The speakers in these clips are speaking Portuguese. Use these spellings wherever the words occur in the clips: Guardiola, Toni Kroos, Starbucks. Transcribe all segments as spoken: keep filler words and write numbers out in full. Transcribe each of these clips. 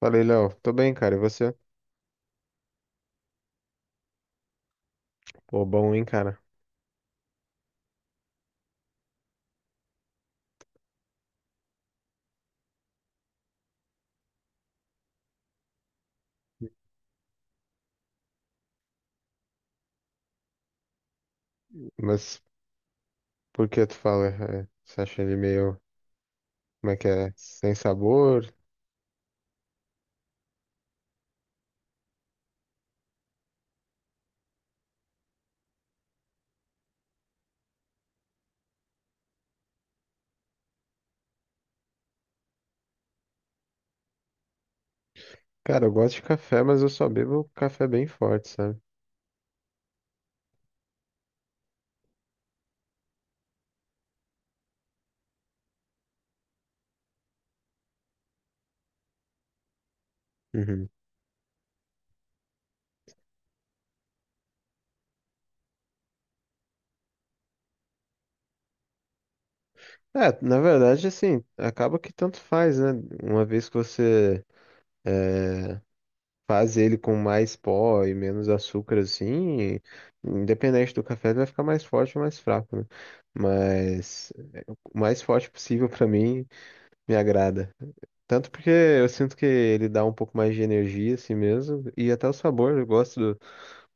Falei, Léo, tô bem, cara. E você? Pô, bom, hein, cara? Mas por que tu fala? É, você acha ele meio, como é que é? Sem sabor? Cara, eu gosto de café, mas eu só bebo café bem forte, sabe? Uhum. É, na verdade, assim, acaba que tanto faz, né? Uma vez que você é, faz ele com mais pó e menos açúcar, assim, independente do café, ele vai ficar mais forte ou mais fraco, né? Mas o mais forte possível pra mim me agrada. Tanto porque eu sinto que ele dá um pouco mais de energia assim mesmo. E até o sabor, eu gosto do,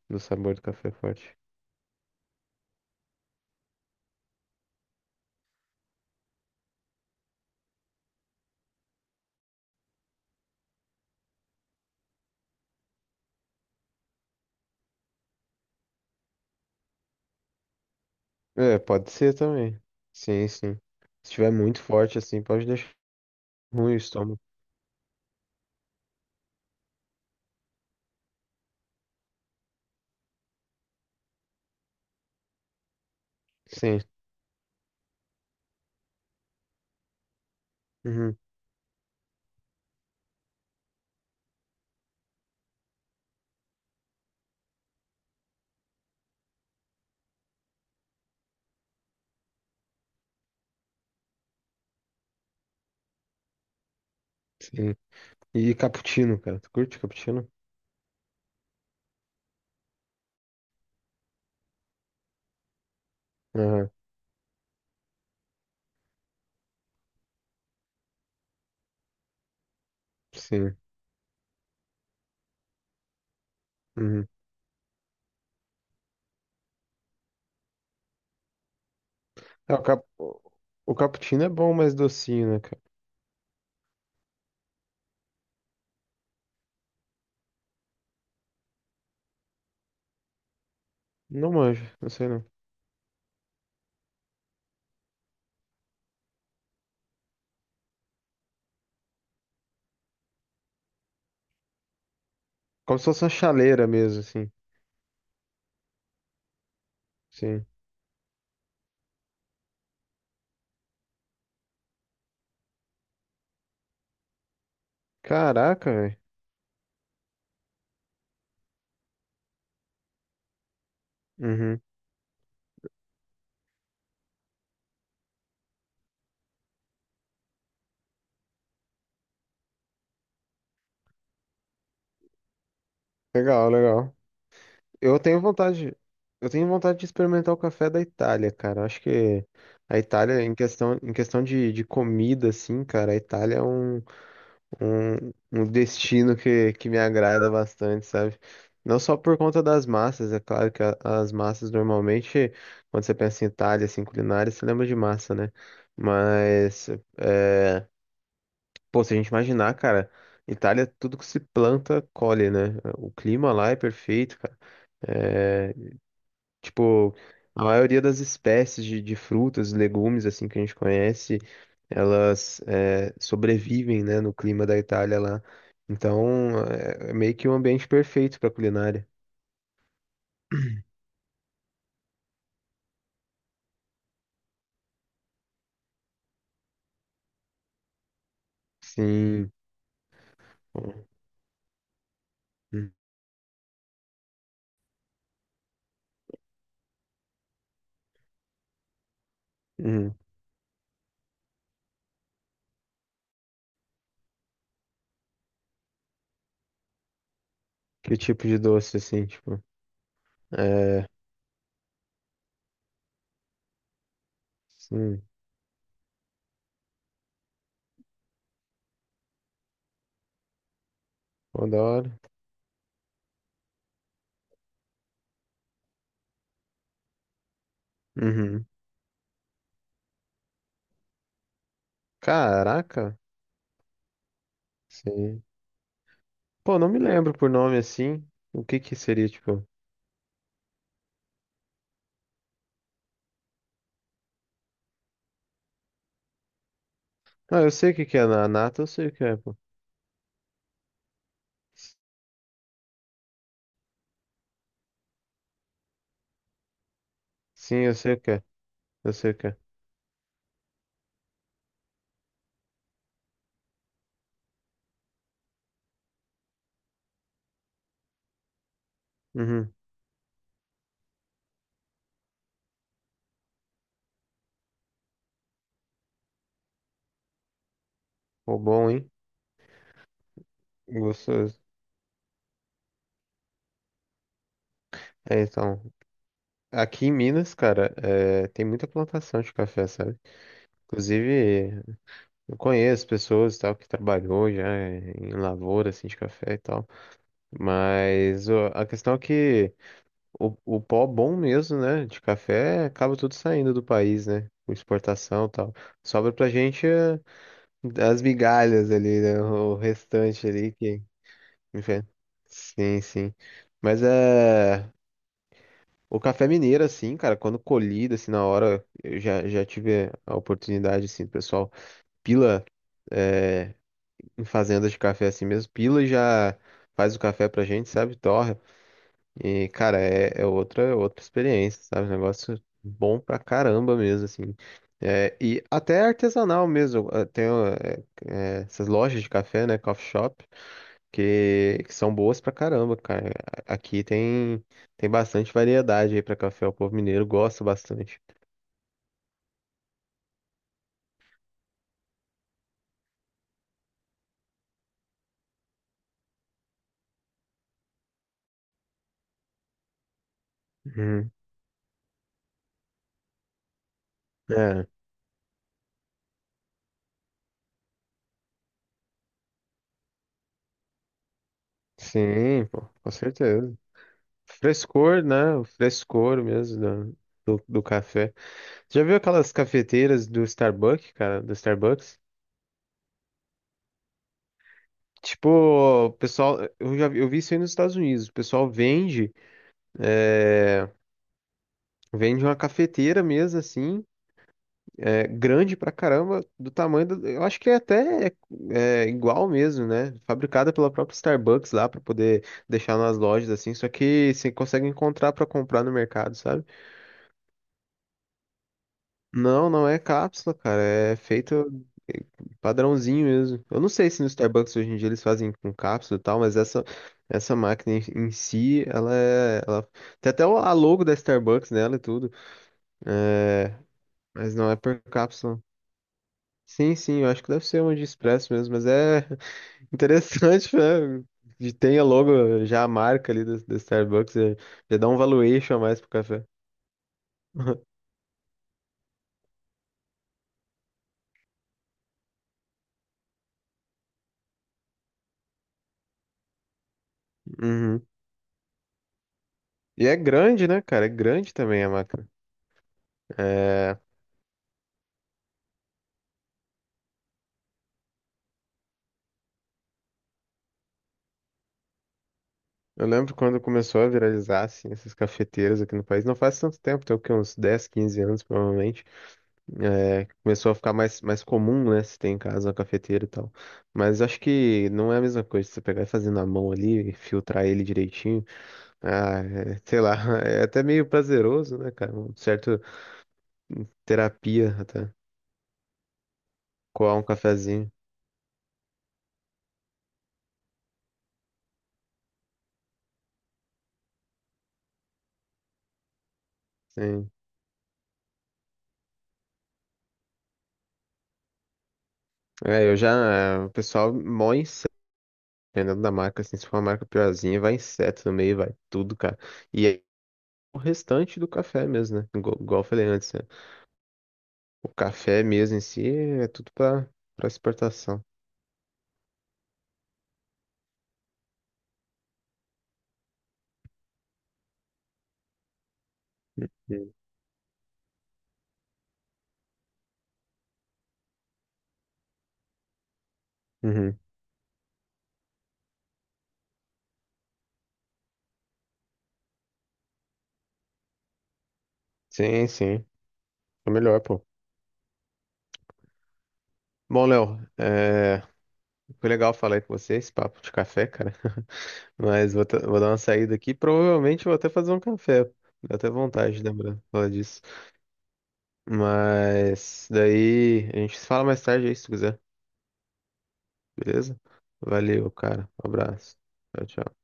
do sabor do café forte. É, pode ser também. Sim, sim. Se tiver muito forte assim, pode deixar ruim o estômago. Sim. Uhum, sim. E cappuccino, cara. Tu curte cappuccino? Aham, sim. Uhum. É, o, cap... O cappuccino é bom, mas docinho, né, cara? Não manjo, não sei não. Como se fosse uma chaleira mesmo, assim. Sim. Caraca, velho. Uhum. Legal, legal. Eu tenho vontade, eu tenho vontade de experimentar o café da Itália, cara. Eu acho que a Itália, em questão, em questão de, de comida, assim, cara, a Itália é um, um, um destino que, que me agrada bastante, sabe? Não só por conta das massas, é claro que a- as massas normalmente, quando você pensa em Itália, assim, culinária, você lembra de massa, né? Mas, é, pô, se a gente imaginar, cara, Itália, tudo que se planta, colhe, né? O clima lá é perfeito, cara. É, tipo, a maioria das espécies de, de frutas, legumes, assim, que a gente conhece, elas é, sobrevivem, né, no clima da Itália lá. Então, é é meio que um ambiente perfeito para culinária. Sim. Hum, hum. Que tipo de doce, assim, tipo? É, sim, pô, da hora. Uhum. Caraca, sim. Pô, não me lembro por nome assim. O que que seria, tipo? Ah, eu sei o que que é na nata, eu sei o que é, pô. Sim, eu sei o que é. Eu sei o que é. Uhum. Pô, bom, hein? Gostoso. É, então, aqui em Minas, cara, é, tem muita plantação de café, sabe? Inclusive, eu conheço pessoas e tal que trabalhou já em lavoura, assim, de café e tal. Mas ó, a questão é que o, o pó bom mesmo, né, de café, acaba tudo saindo do país, né? Com exportação e tal. Sobra pra gente é, as migalhas ali, né? O restante ali que... Enfim, sim, sim. Mas é... O café mineiro, assim, cara, quando colhido, assim, na hora, eu já, já tive a oportunidade, assim, do pessoal pila é, em fazendas de café assim mesmo, pila e já faz o café pra gente, sabe? Torra. E, cara, é, é outra, outra experiência, sabe? Um negócio bom pra caramba mesmo, assim. É, e até artesanal mesmo. eh, Tem ó, eh, eh, essas lojas de café, né? Coffee shop que, que são boas pra caramba, cara. A- Aqui tem, tem bastante variedade aí pra café. O povo mineiro gosta bastante. Uhum. É, sim, pô, com certeza. Frescor, né? O frescor mesmo do, do, do café. Já viu aquelas cafeteiras do Starbucks, cara? Do Starbucks? Tipo, o pessoal, eu já vi- eu vi isso aí nos Estados Unidos. O pessoal vende, é, vende uma cafeteira mesmo, assim, é, grande pra caramba, do tamanho do, eu acho que é até é, igual mesmo, né? Fabricada pela própria Starbucks lá pra poder deixar nas lojas assim, só que você consegue encontrar pra comprar no mercado, sabe? Não, não é cápsula, cara, é feito é, padrãozinho mesmo. Eu não sei se no Starbucks hoje em dia eles fazem com cápsula e tal, mas essa essa máquina em em si, ela é ela tem até o- a logo da Starbucks nela e tudo, mas não é por cápsula. Sim, sim, eu acho que deve ser uma de expresso mesmo, mas é interessante, né? Que tenha logo já a marca ali da do Starbucks, já, já dá um valuation a mais pro café. Uhum. E é grande, né, cara? É grande também a máquina. É, eu lembro quando começou a viralizar, assim, essas cafeteiras aqui no país. Não faz tanto tempo, tem o quê? Uns dez, quinze anos, provavelmente. É, começou a ficar mais, mais comum, né? Se tem em casa uma cafeteira e tal. Mas acho que não é a mesma coisa você pegar e fazer na mão ali, filtrar ele direitinho. Ah, é, sei lá, é até meio prazeroso, né, cara? Um certo terapia até. Coar um cafezinho. Sim. É, eu já. eh, O pessoal mó inseto, dependendo da marca, assim, se for uma marca piorzinha, vai inseto no meio, vai tudo, cara. E aí o restante do café mesmo, né? Igual, igual eu falei antes, né? O café mesmo em si é tudo pra, pra exportação. Sim. Uhum. Sim, sim. É melhor, pô. Bom, Léo, é, foi legal falar aí com você, esse papo de café, cara. Mas vou, ta- vou dar uma saída aqui. Provavelmente vou até fazer um café. Dá até vontade, lembrando, falar disso. Mas daí a gente se fala mais tarde aí, se tu quiser. Beleza? Valeu, cara. Um abraço. Tchau, tchau.